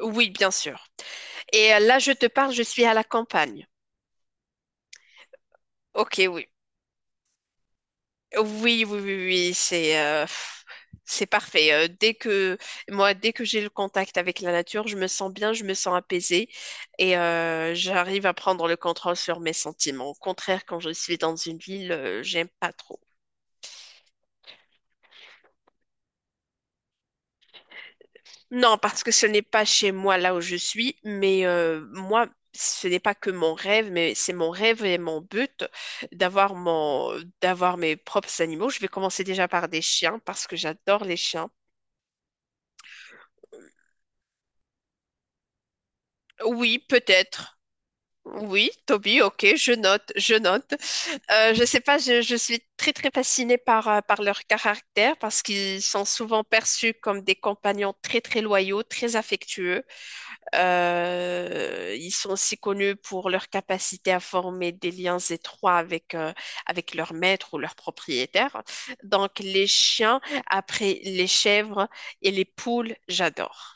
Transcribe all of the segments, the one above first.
Oui, bien sûr. Là, je te parle, je suis à la campagne. Ok, oui. Oui, oui, oui, oui, c'est c'est parfait. Dès que j'ai le contact avec la nature, je me sens bien, je me sens apaisée et j'arrive à prendre le contrôle sur mes sentiments. Au contraire, quand je suis dans une ville, j'aime pas trop. Non, parce que ce n'est pas chez moi là où je suis, mais moi, ce n'est pas que mon rêve, mais c'est mon rêve et mon but d'avoir mon, d'avoir mes propres animaux. Je vais commencer déjà par des chiens parce que j'adore les chiens. Oui, peut-être. Oui, Toby, ok, je note. Je sais pas, je suis très très fascinée par leur caractère parce qu'ils sont souvent perçus comme des compagnons très très loyaux, très affectueux. Ils sont aussi connus pour leur capacité à former des liens étroits avec leur maître ou leur propriétaire. Donc, les chiens, après les chèvres et les poules, j'adore.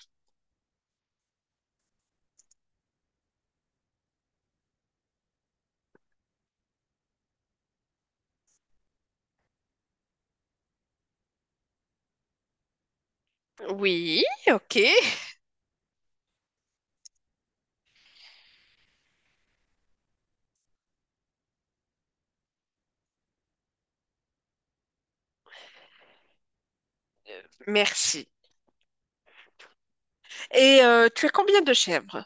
Oui, ok, merci. Et tu as combien de chèvres?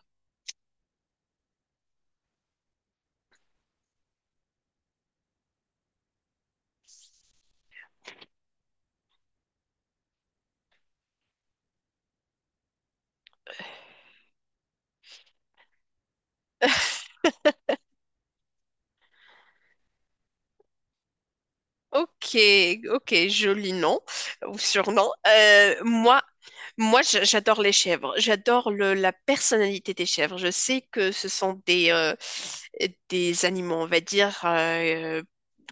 Ok, ok, joli nom ou surnom. Moi, j'adore les chèvres. J'adore la personnalité des chèvres. Je sais que ce sont des des animaux, on va dire,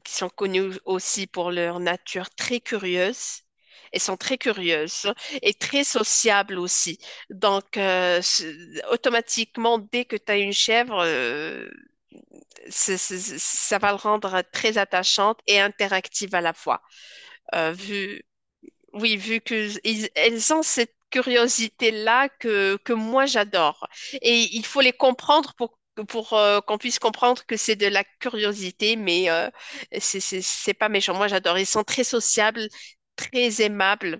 qui sont connus aussi pour leur nature très curieuse. Elles sont très curieuses et très sociables aussi. Automatiquement, dès que tu as une chèvre, ça va le rendre très attachante et interactive à la fois. Euh, vu, oui, vu que ils- elles ont cette curiosité-là que moi j'adore. Et il faut les comprendre pour qu'on puisse comprendre que c'est de la curiosité, mais c'est pas méchant. Moi j'adore. Ils sont très sociables, très aimables.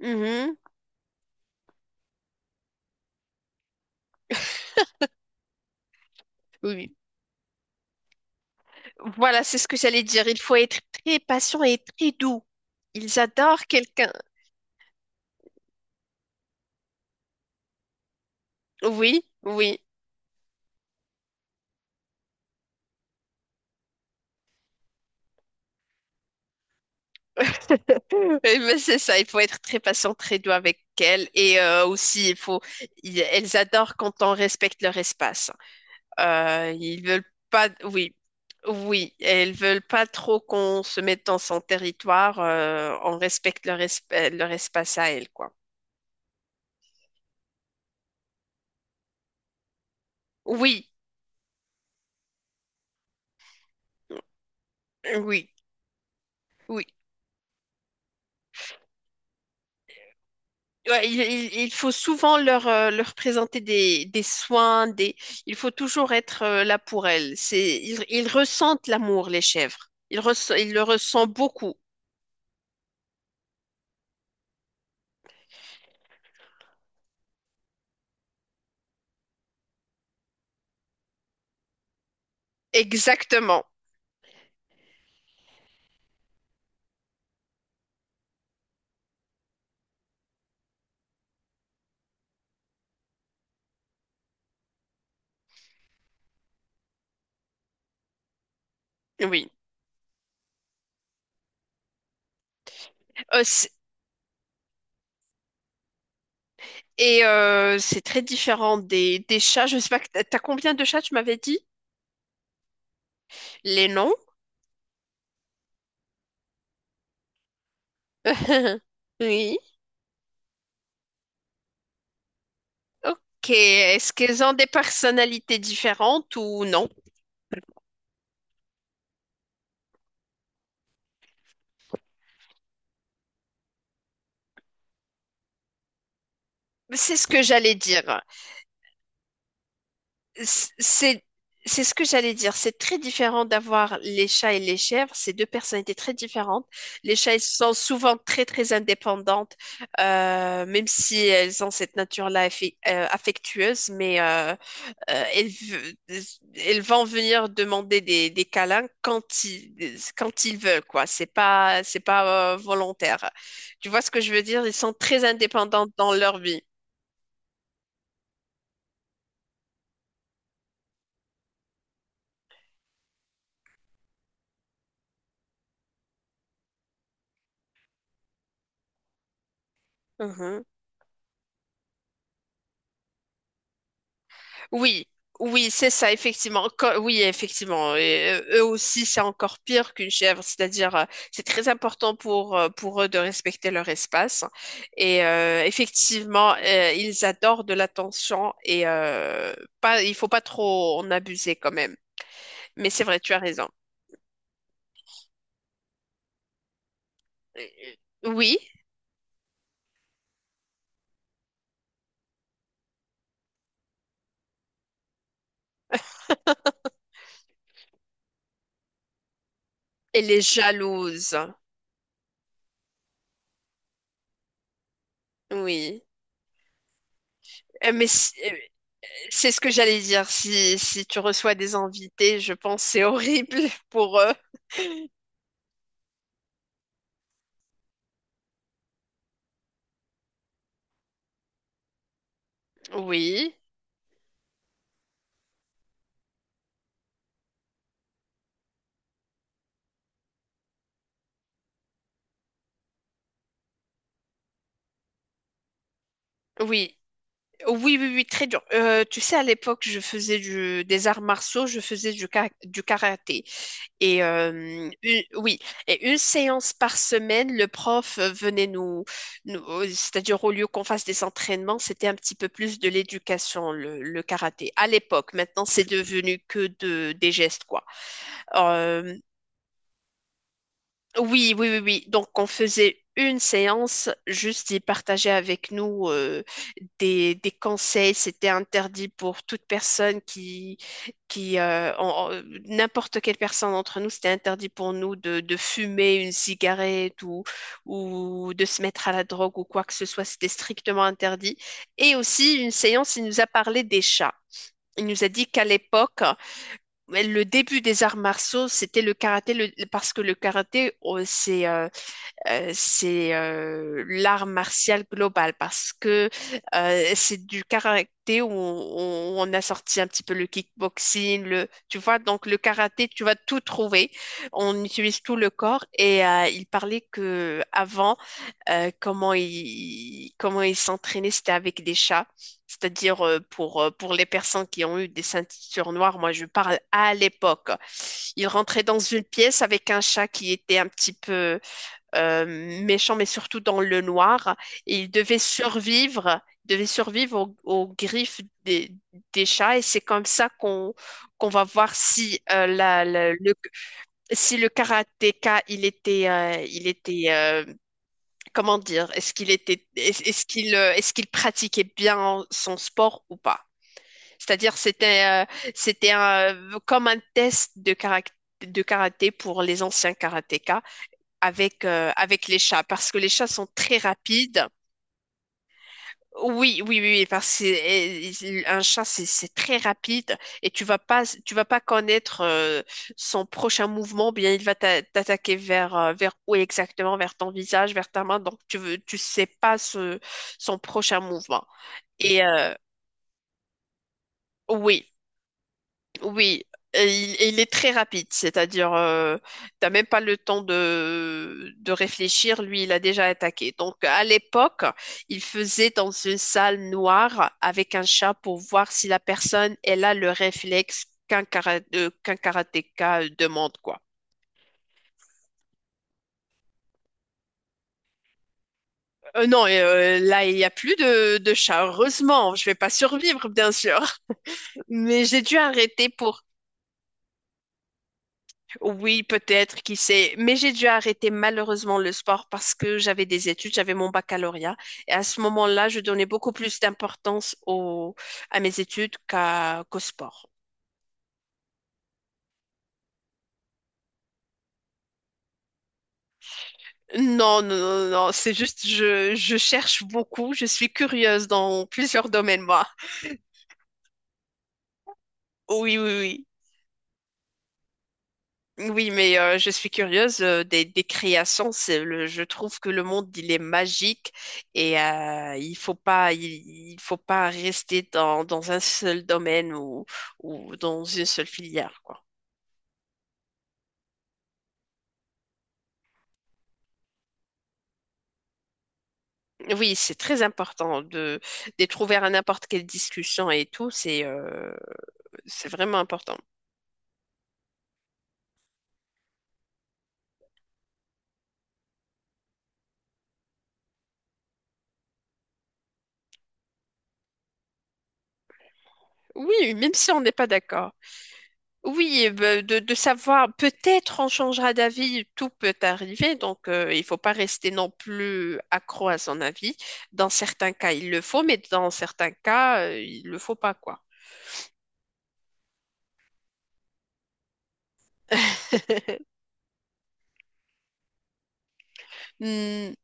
Mhm. Oui, oui. Voilà, c'est ce que j'allais dire. Il faut être très patient et très doux. Ils adorent quelqu'un. Oui, oui. Eh ben, c'est ça, il faut être très patient, très doux avec elles. Et aussi, elles adorent quand on respecte leur espace. Ils veulent pas, oui, oui, elles veulent pas trop qu'on se mette dans son territoire. On respecte leur espace à elles, quoi. Oui, oui, oui. Il il- faut souvent leur présenter des soins, des… il faut toujours être là pour elles. Ils ressentent l'amour, les chèvres. Ils le ressentent beaucoup. Exactement, oui. Euh, c'est- c'est très différent des chats. Je sais pas, que t'as t'as combien de chats, tu m'avais dit? Les noms? Oui. Ok. Est-ce qu'ils ont des personnalités différentes ou non? C'est ce que j'allais dire. c'est c'est ce que j'allais dire. C'est très différent d'avoir les chats et les chèvres. C'est deux personnalités très différentes. Les chats, elles sont souvent très, très indépendantes, même si elles ont cette nature-là affectueuse, mais euh, elles, ve- elles vont venir demander des câlins quand ils veulent, quoi. C'est pas volontaire. Tu vois ce que je veux dire? Ils sont très indépendants dans leur vie. Oui, oui, c'est ça, effectivement. Co- oui, effectivement. Et eux aussi, c'est encore pire qu'une chèvre. C'est-à-dire, c'est très important pour eux de respecter leur espace. Et effectivement, ils adorent de l'attention et pas, il faut pas trop en abuser quand même. Mais c'est vrai, tu as raison. Euh, Oui, et les jalouses. Oui. Mais c'est ce que j'allais dire. Si, si tu reçois des invités, je pense que c'est horrible pour eux. Oui. Oui, oui, oui, oui, très dur. Tu sais, à l'époque, je faisais du, des arts martiaux, je faisais du karaté. Et et une séance par semaine, le prof venait nous, c'est-à-dire au lieu qu'on fasse des entraînements, c'était un petit peu plus de l'éducation, le karaté. À l'époque, maintenant, c'est devenu que des gestes, quoi. Euh, oui, oui, oui, oui. Donc, on faisait une séance, juste il partageait avec nous des conseils. C'était interdit pour toute personne qui en- en- n'importe quelle personne d'entre nous, c'était interdit pour nous de fumer une cigarette ou de se mettre à la drogue ou quoi que ce soit. C'était strictement interdit. Et aussi, une séance, il nous a parlé des chats. Il nous a dit qu'à l'époque, ouais, le début des arts martiaux, c'était le karaté, le- parce que le karaté, oh, c'est l'art martial global, parce que c'est du karaté où on a sorti un petit peu le kickboxing, le, tu vois, donc le karaté, tu vas tout trouver. On utilise tout le corps et il parlait que avant comment ils s'entraînaient, c'était avec des chats. C'est-à-dire pour les personnes qui ont eu des ceintures noires, moi je parle à l'époque. Ils rentraient dans une pièce avec un chat qui était un petit peu méchant, mais surtout dans le noir. Et ils devaient survivre aux griffes des chats. Et c'est comme ça qu'on qu'on va voir si le karatéka il était, comment dire, est-ce qu'il, est-ce qu'il pratiquait bien son sport ou pas? C'est-à-dire, c'était comme un test de caractère de karaté pour les anciens karatékas avec les chats, parce que les chats sont très rapides. Oui, oui, oui, oui, parce que un chat, c'est très rapide et tu vas pas connaître son prochain mouvement, bien il va t'attaquer vers où exactement, vers ton visage, vers ta main, donc tu veux, tu sais pas ce, son prochain mouvement. Et euh, oui. Oui, et il est très rapide, c'est-à-dire, t'as même pas le temps de réfléchir, lui, il a déjà attaqué. Donc, à l'époque, il faisait dans une salle noire avec un chat pour voir si la personne, elle a le réflexe qu'un karatéka demande, quoi. Non, là, il n'y a plus de chat, heureusement, je vais pas survivre, bien sûr. Mais j'ai dû arrêter pour… oui, peut-être, qui sait. Mais j'ai dû arrêter malheureusement le sport parce que j'avais des études, j'avais mon baccalauréat. Et à ce moment-là, je donnais beaucoup plus d'importance au, à mes études qu'au sport. Non, non, non, non, c'est juste, je cherche beaucoup, je suis curieuse dans plusieurs domaines, moi. Oui, oui, oui. Oui, je suis curieuse des créations. C'est le, je trouve que le monde il est magique et il faut pas rester dans un seul domaine ou dans une seule filière quoi. Oui, c'est très important de d'être ouvert à n'importe quelle discussion et tout. C'est vraiment important. Oui, même si on n'est pas d'accord. Oui, de savoir, peut-être on changera d'avis, tout peut arriver, donc il faut pas rester non plus accro à son avis. Dans certains cas, il le faut, mais dans certains cas, il le faut pas, quoi. Hmm,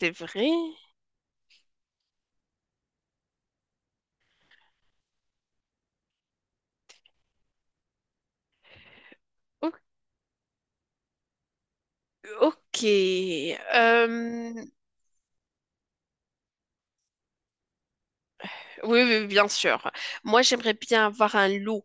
c'est vrai. O- ok. Euh, oui, oui, bien sûr. Moi, j'aimerais bien avoir un loup.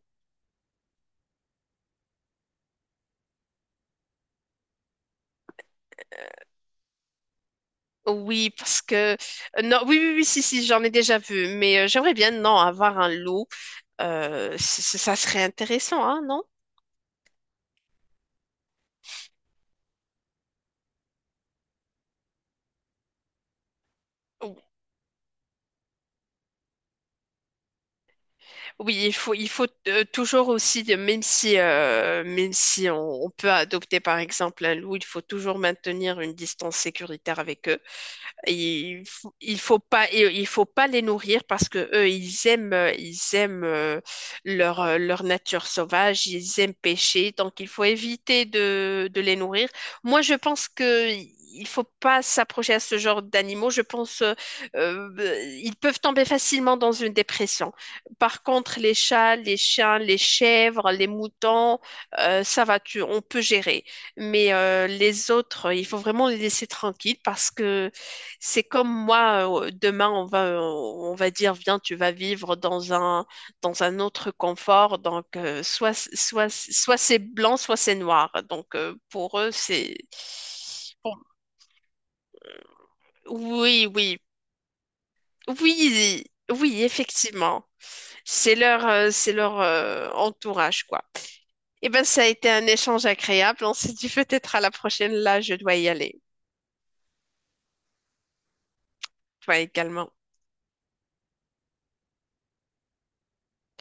Oui, parce que… non, oui, oui, oui, si, si, j'en ai déjà vu, mais j'aimerais bien, non, avoir un loup. Euh, ça serait intéressant, hein, non? Oui, il faut toujours aussi, même si on, on peut adopter par exemple un loup, il faut toujours maintenir une distance sécuritaire avec eux. Il il faut pas les nourrir parce que eux, ils aiment leur nature sauvage, ils aiment pêcher, donc il faut éviter de les nourrir. Moi, je pense que il faut pas s'approcher à ce genre d'animaux. Je pense, ils peuvent tomber facilement dans une dépression. Par contre, les chats, les chiens, les chèvres, les moutons, ça va, tu, on peut gérer. Mais les autres, il faut vraiment les laisser tranquilles parce que c'est comme moi, demain, on va dire, viens, tu vas vivre dans un autre confort. Donc, soit, soit, soit c'est blanc, soit c'est noir. Donc, pour eux, c'est… Oui, oui, oui, oui, effectivement. C'est leur entourage, quoi. Eh ben, ça a été un échange agréable. On s'est dit peut-être à la prochaine. Là, je dois y aller. Toi également.